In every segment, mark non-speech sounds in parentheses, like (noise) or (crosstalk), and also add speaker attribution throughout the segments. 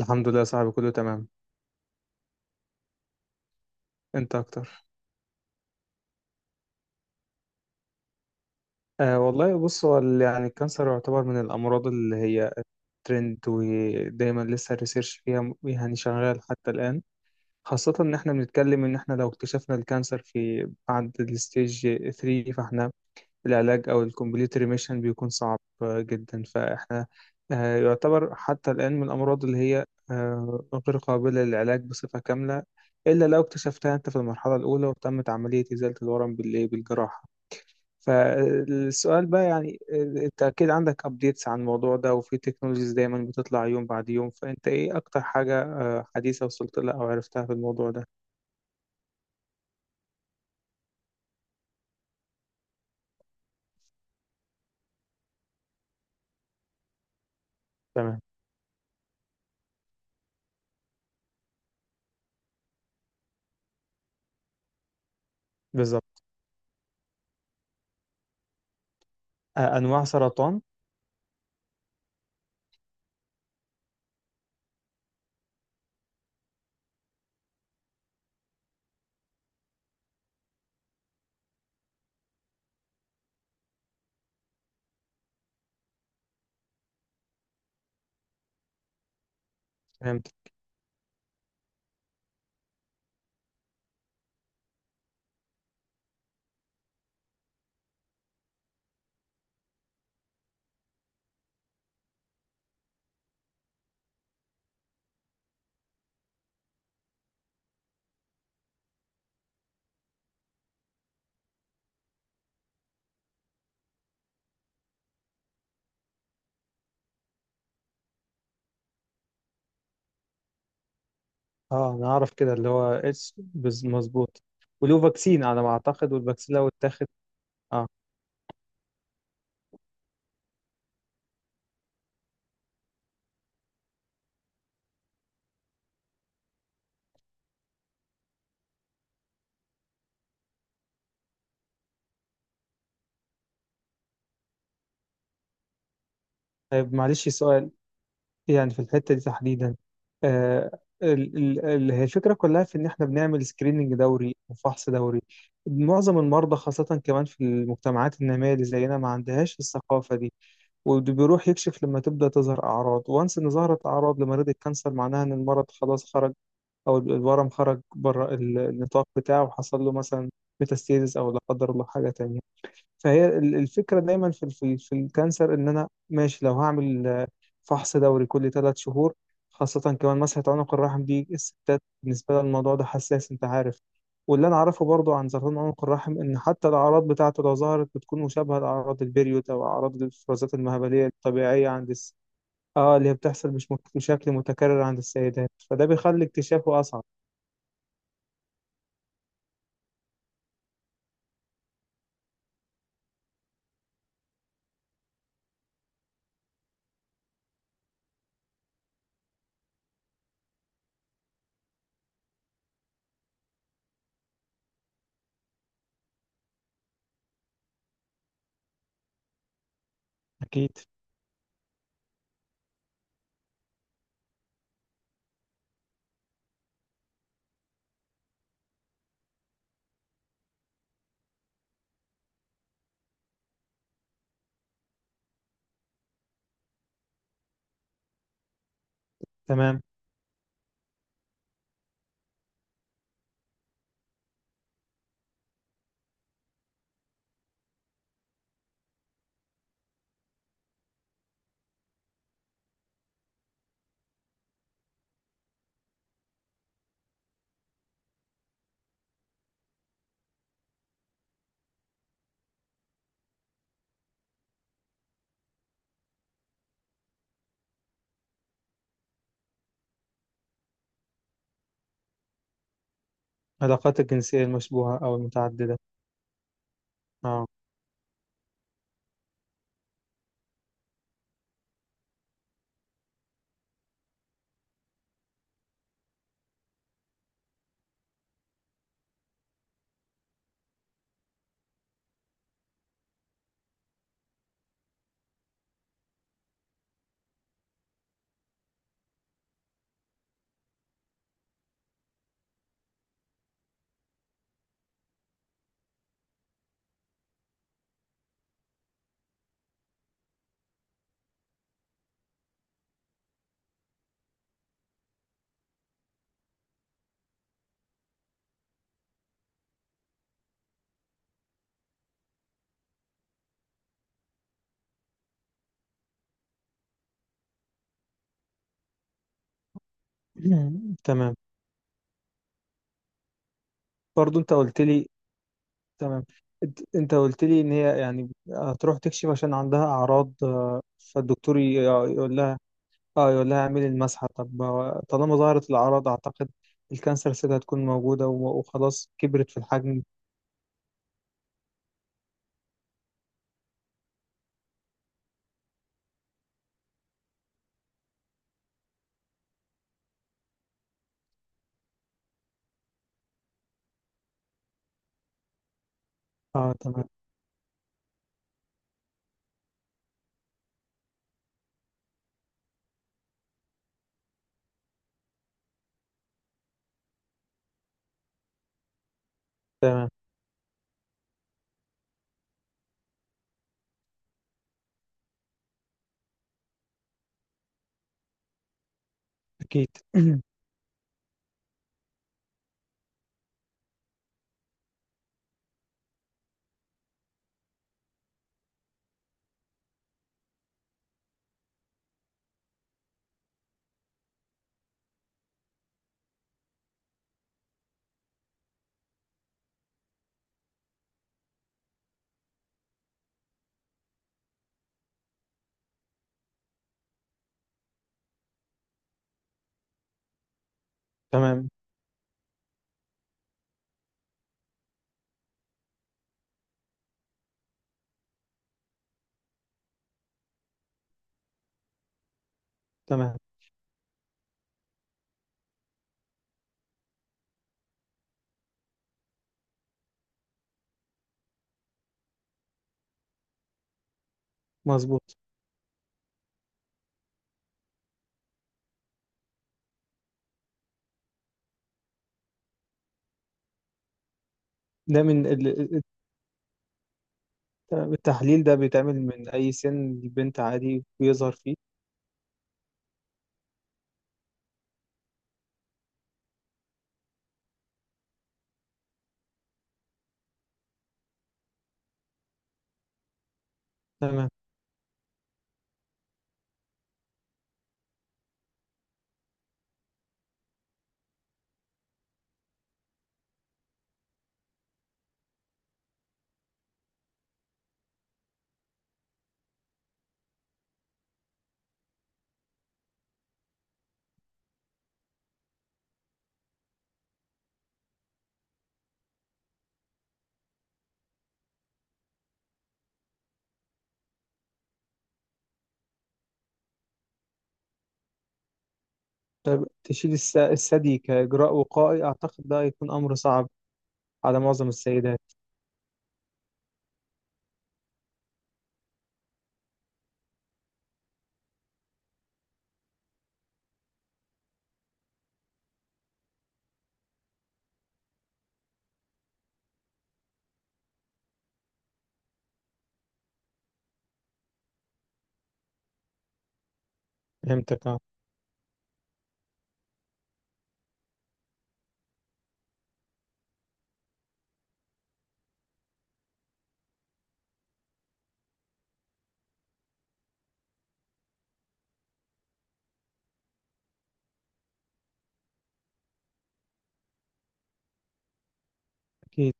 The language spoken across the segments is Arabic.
Speaker 1: الحمد لله يا صاحبي، كله تمام. انت اكتر. آه والله، بص، هو يعني الكانسر يعتبر من الامراض اللي هي ترند، ودايما لسه الريسيرش فيها يعني شغال حتى الان. خاصة ان احنا بنتكلم ان احنا لو اكتشفنا الكانسر في بعد الستيج 3، فاحنا العلاج او الكومبليت ريميشن بيكون صعب جدا. فاحنا يعتبر حتى الان من الامراض اللي هي غير قابلة للعلاج بصفة كاملة، إلا لو اكتشفتها أنت في المرحلة الأولى وتمت عملية إزالة الورم بالإيه بالجراحة. فالسؤال بقى يعني، انت اكيد عندك ابديتس عن الموضوع ده، وفي تكنولوجيز دايما بتطلع يوم بعد يوم. فانت ايه اكتر حاجة حديثة وصلت لها او عرفتها في الموضوع ده؟ تمام. بالظبط. انواع سرطان. فهمت. اه، انا اعرف كده اللي هو اتش. مظبوط. وله فاكسين على ما اعتقد، والفاكسين لو اتاخد. اه. طيب، معلش سؤال. يعني في الحتة دي تحديدا، هي الفكرة كلها في إن إحنا بنعمل سكريننج دوري وفحص دوري. معظم المرضى، خاصة كمان في المجتمعات النامية اللي زينا، ما عندهاش الثقافة دي، وبيروح يكشف لما تبدأ تظهر أعراض. وانس إن ظهرت أعراض لمريض الكانسر معناها إن المرض خلاص خرج، أو الورم خرج بره النطاق بتاعه، وحصل له مثلا ميتاستيزس أو لا قدر الله حاجة تانية. فهي الفكرة دايما في الكانسر ان انا ماشي لو هعمل فحص دوري كل 3 شهور. خاصة كمان مسحة عنق الرحم دي، الستات بالنسبة لها الموضوع ده حساس، انت عارف. واللي انا اعرفه برضو عن سرطان عنق الرحم ان حتى الاعراض بتاعته لو ظهرت بتكون مشابهة لاعراض البريود او اعراض الافرازات المهبلية الطبيعية عند الس... اه، اللي هي بتحصل مش مك- بشكل متكرر عند السيدات، فده بيخلي اكتشافه اصعب. اكيد. تمام. العلاقات الجنسية المشبوهة او المتعددة. اه. (clears throat) تمام. برضو انت قلت لي. تمام. انت قلت لي ان هي يعني هتروح تكشف عشان عندها اعراض، فالدكتور يقول لها. اه، يقول لها اعملي المسحه. طب طالما ظهرت الاعراض، اعتقد الكانسر سيل هتكون موجوده وخلاص كبرت في الحجم. اه، تمام. تمام. اكيد. (clears throat) تمام. تمام. مظبوط. ده من التحليل ده بيتعمل من اي سن البنت؟ عادي بيظهر فيه؟ تمام. تشيل الثدي كاجراء وقائي؟ اعتقد ده هيكون امر صعب على معظم السيدات. فهمتك، اه. اكيد.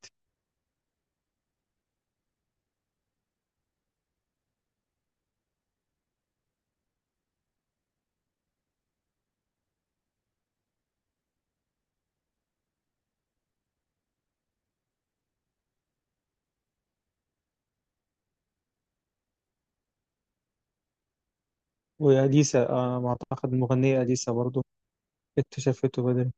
Speaker 1: واليسا، ما اعتقد المغنيه اليسا برضو. اكتشفته بدري.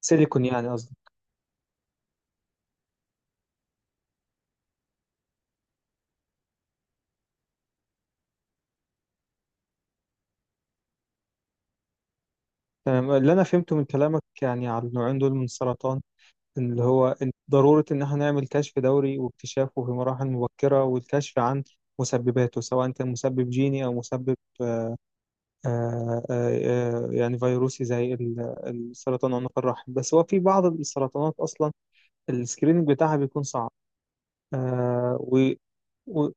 Speaker 1: سيليكون يعني، قصدي. تمام. اللي انا فهمته من كلامك يعني على النوعين دول من السرطان، إن اللي هو إن ضروره ان احنا نعمل كشف دوري واكتشافه في مراحل مبكره، والكشف عن مسبباته سواء كان مسبب جيني او مسبب يعني فيروسي زي السرطان عنق الرحم. بس هو في بعض السرطانات اصلا السكريننج بتاعها بيكون صعب. آه، و و-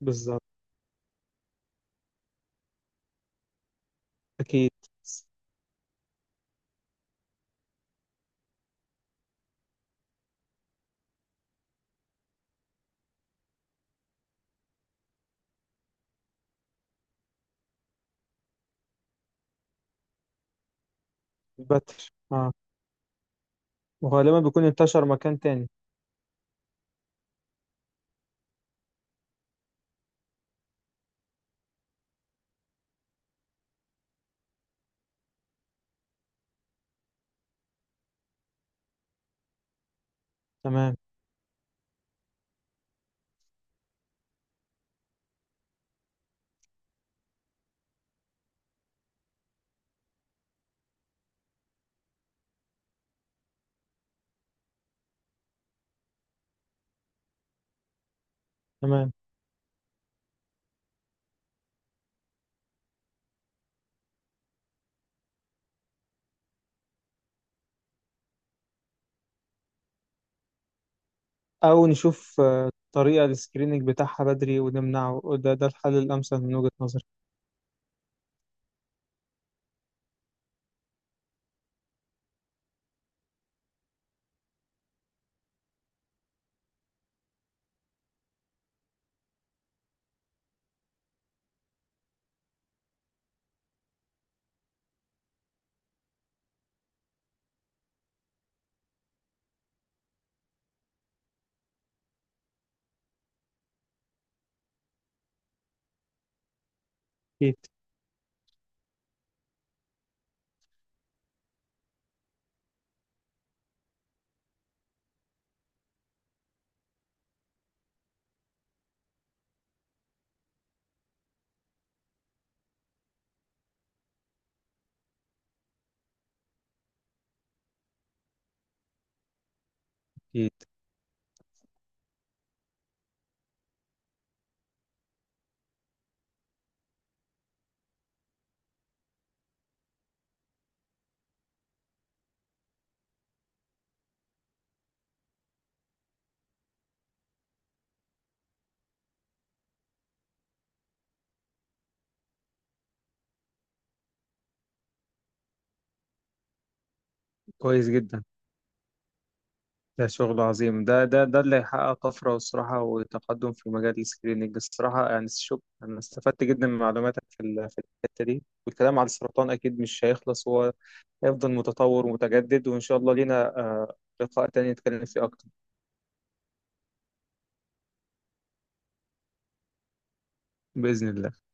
Speaker 1: بالظبط. اكيد. البتر، اه. وغالبا بيكون انتشر مكان تاني. تمام. تمام. او نشوف طريقة للسكريننج بتاعها بدري ونمنعه. ده الحل الامثل من وجهة نظري. اكيد. أكيد. كويس جدا. ده شغل عظيم. ده اللي هيحقق طفرة، والصراحة وتقدم في مجال السكريننج، الصراحة يعني. شوف، أنا استفدت جدا من معلوماتك في في الحتة دي. والكلام على السرطان أكيد مش هيخلص، هو هيفضل متطور ومتجدد. وإن شاء الله لينا لقاء تاني نتكلم فيه أكتر. بإذن الله.